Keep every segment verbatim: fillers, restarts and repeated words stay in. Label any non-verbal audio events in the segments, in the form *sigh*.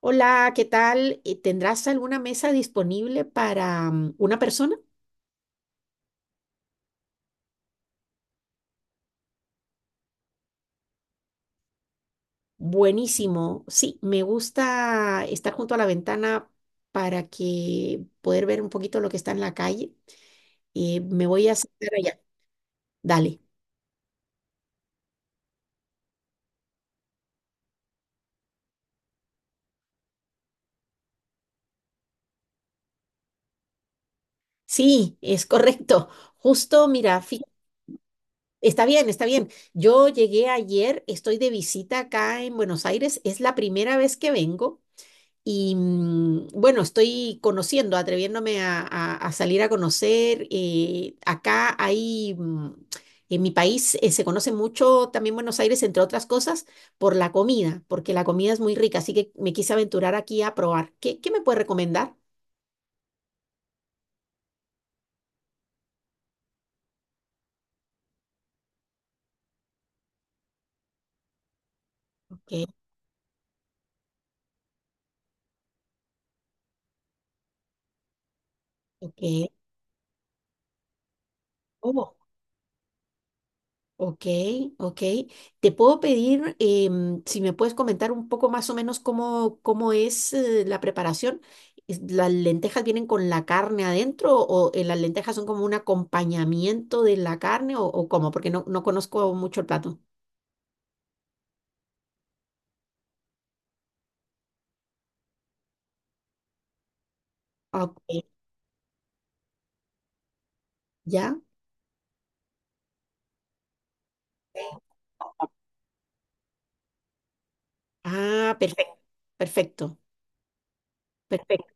Hola, ¿qué tal? Eh, ¿Tendrás alguna mesa disponible para mm, una persona? Buenísimo. Sí, me gusta estar junto a la ventana para que poder ver un poquito lo que está en la calle. Eh, me voy a sentar allá. Dale. Sí, es correcto. Justo, mira, fí- está bien, está bien. Yo llegué ayer, estoy de visita acá en Buenos Aires, es la primera vez que vengo. Y mm, bueno, estoy conociendo, atreviéndome a, a- a salir a conocer. eh, acá hay, mm, en mi país, eh, se conoce mucho también Buenos Aires, entre otras cosas, por la comida, porque la comida es muy rica, así que me quise aventurar aquí a probar. ¿Qué, qué me puede recomendar? Ok, ok. Ok, ok. Te puedo pedir em, si me puedes comentar un poco más o menos cómo, cómo es eh, la preparación. ¿Es- ¿Las lentejas vienen con la carne adentro o eh, las lentejas son como un acompañamiento de la carne o, o cómo? Porque no, no conozco mucho el plato. Ok, ¿ya? Ah, perfecto, perfecto, perfecto.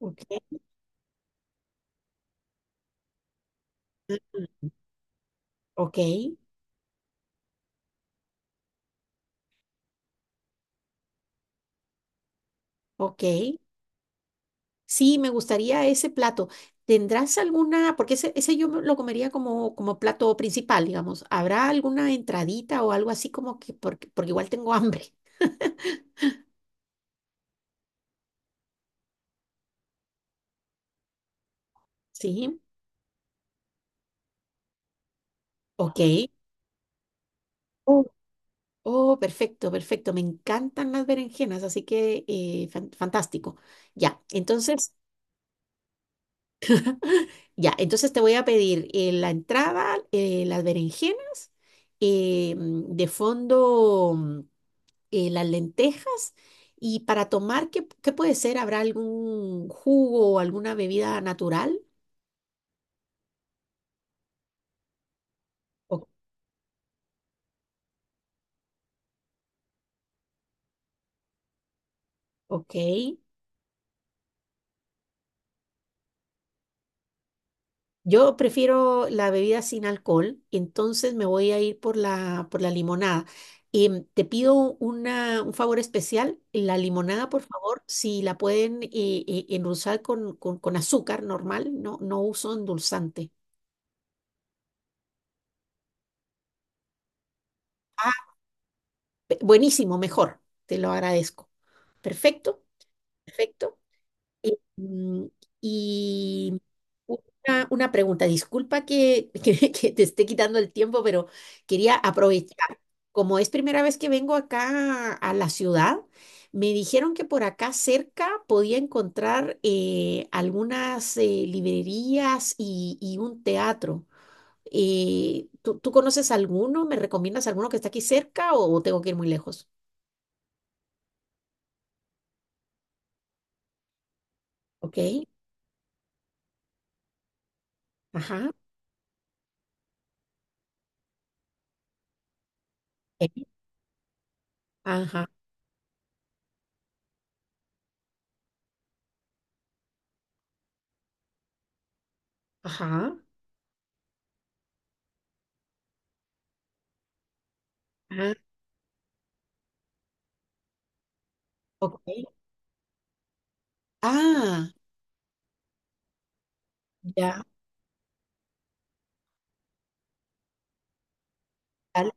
Ok, ah, ok, ok. Sí, me gustaría ese plato. ¿Tendrás alguna, porque ese, ese yo me- lo comería como, como plato principal, digamos. ¿Habrá alguna entradita o algo así como que, porque, porque igual tengo hambre? *laughs* Sí, ok. Oh, oh, perfecto, perfecto. Me encantan las berenjenas, así que eh, fan- fantástico. Ya, entonces, *laughs* ya, entonces te voy a pedir eh, la entrada, eh, las berenjenas, eh, mm, de fondo. eh, las lentejas. Y para tomar, ¿qué, qué puede ser? ¿Habrá algún jugo o alguna bebida natural? O- ok. Yo prefiero la bebida sin alcohol, entonces me voy a ir por la, por la limonada. Em, te pido una, un favor especial, la limonada, por favor, si la pueden eh, eh, endulzar con, con, con azúcar normal, no, no uso endulzante. Ah, pe- buenísimo, mejor, te lo agradezco. Perfecto, perfecto. Eh, mm, Y una, una pregunta, disculpa que, *laughs* que- que te esté quitando el tiempo, pero quería aprovechar. Como es primera vez que vengo acá a la ciudad, me dijeron que por acá cerca podía encontrar eh, algunas eh, librerías y, y un teatro. Eh, ¿tú, tú conoces alguno? ¿Me recomiendas alguno que está aquí cerca o tengo que ir muy lejos? Ok, ajá, ok, ajá, ajá, ajá, ok. Ah, ya, vale,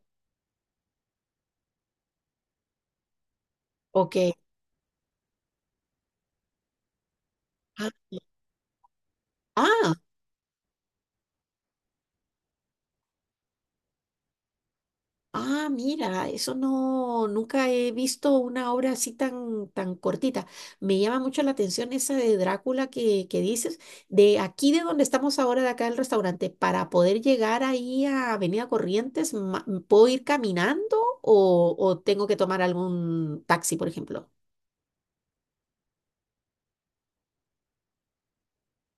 ok. Ah, ah, ah, mira, eso no, nunca he visto una obra así tan, tan cortita. Me llama mucho la atención esa de Drácula que, que dices. De aquí de donde estamos ahora, de acá del restaurante, para poder llegar ahí a Avenida Corrientes, ma- ¿puedo ir caminando o, o tengo que tomar algún taxi, por ejemplo?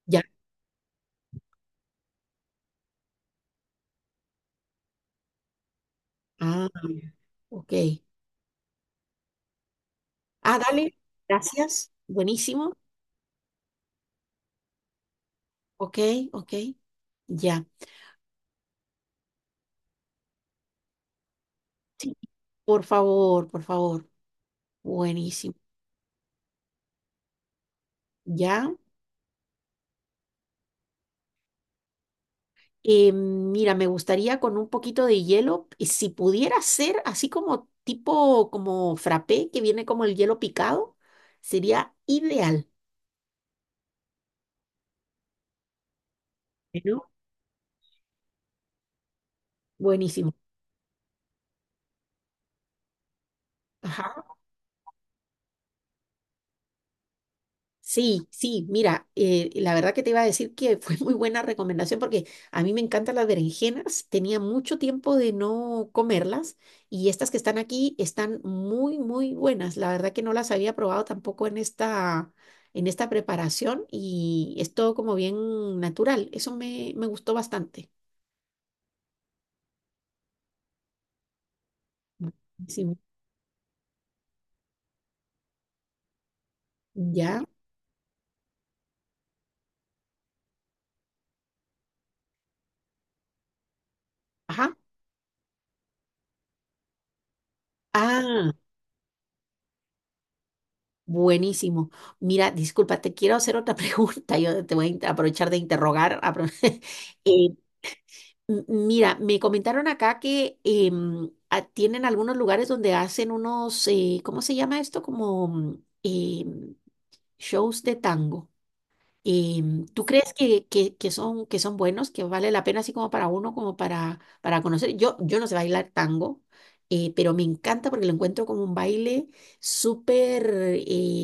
Ya. Ah, ok. Ah, dale, gracias. Buenísimo. Ok, ok, ya. Por favor, por favor. Buenísimo. Ya. Eh, mira, me gustaría con un poquito de hielo, y si pudiera ser así como tipo como frappé, que viene como el hielo picado, sería ideal. Bueno. Buenísimo. Ajá. Sí, sí, mira, eh, la verdad que te iba a decir que fue muy buena recomendación porque a mí me encantan las berenjenas, tenía mucho tiempo de no comerlas y estas que están aquí están muy, muy buenas. La verdad que no las había probado tampoco en esta, en esta preparación y es todo como bien natural. Eso me, me gustó bastante. Buenísimo. ¿Ya? Ajá. Ah, buenísimo. Mira, disculpa, te quiero hacer otra *laughs* pregunta. Yo te voy a inter- aprovechar de interrogar. apro- *laughs* Eh, m- mira, me comentaron acá que em, a- tienen algunos lugares donde hacen unos, eh, ¿cómo se llama esto? Como mm, em, shows de tango. Em, ¿tú crees que, que- que son, que son buenos, que vale la pena así como para uno, como para, para conocer? Yo, yo no sé bailar tango, eh, pero me encanta porque lo encuentro como un baile súper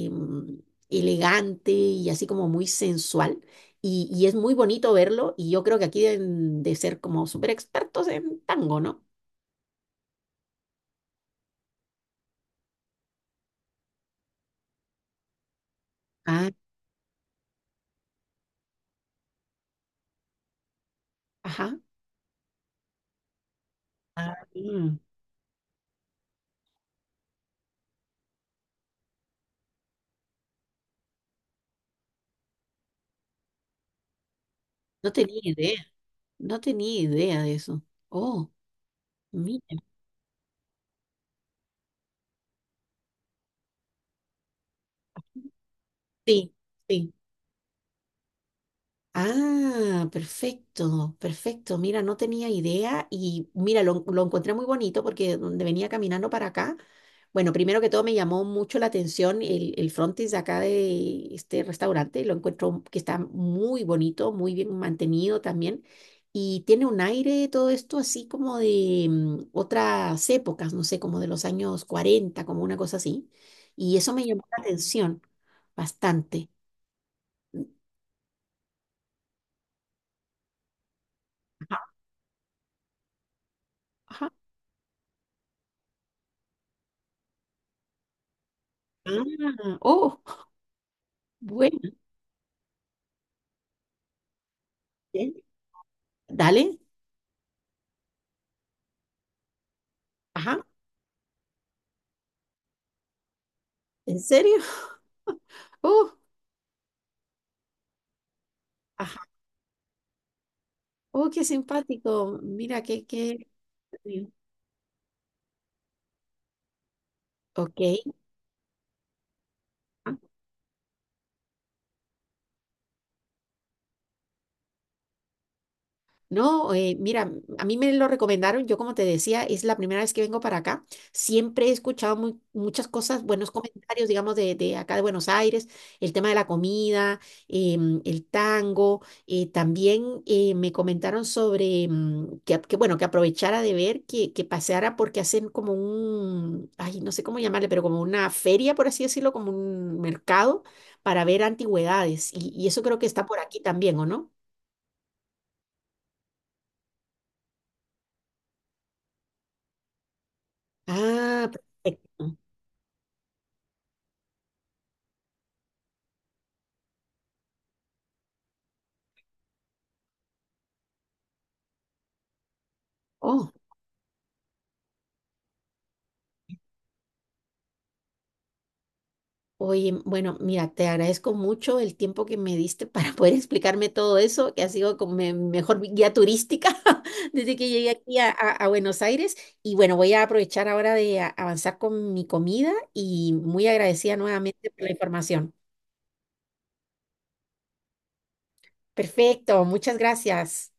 em, elegante y así como muy sensual. Y, y es muy bonito verlo y yo creo que aquí deben de ser como súper expertos en tango, ¿no? Ah, ajá. Mm, no tenía idea, no tenía idea de eso. Oh, mira. Sí, sí. Ah, perfecto, perfecto. Mira, no tenía idea y mira, lo, lo encontré muy bonito porque donde venía caminando para acá, bueno, primero que todo me llamó mucho la atención el, el frontis de acá de este restaurante, lo encuentro que está muy bonito, muy bien mantenido también y tiene un aire todo esto así como de mm, otras épocas, no sé, como de los años cuarenta, como una cosa así. Y eso me llamó la atención bastante. Ajá, ajá. Ah, oh, bueno, ¿eh? Dale, ajá, ¿en serio? *laughs* Oh, ajá, oh, qué simpático, mira, qué, qué, ok, no, eh, mira, a mí me lo recomendaron, yo como te decía, es la primera vez que vengo para acá. Siempre he escuchado muy- muchas cosas, buenos comentarios, digamos, de, de acá de Buenos Aires, el tema de la comida, em, el tango. eh, también eh, me comentaron sobre mm, que, que, bueno, que aprovechara de ver, que, que paseara porque hacen como un, ay, no sé cómo llamarle, pero como una feria, por así decirlo, como un mercado para ver antigüedades. Y, y eso creo que está por aquí también, ¿o no? Ah, perfecto. Oh, oye, bueno, mira, te agradezco mucho el tiempo que me diste *laughs* para poder explicarme todo eso, que ha sido como mi mejor guía turística *laughs* desde que llegué aquí a, a- a Buenos Aires. Y bueno, voy a aprovechar ahora de a- avanzar con mi comida y muy agradecida nuevamente por la información. Perfecto, muchas gracias.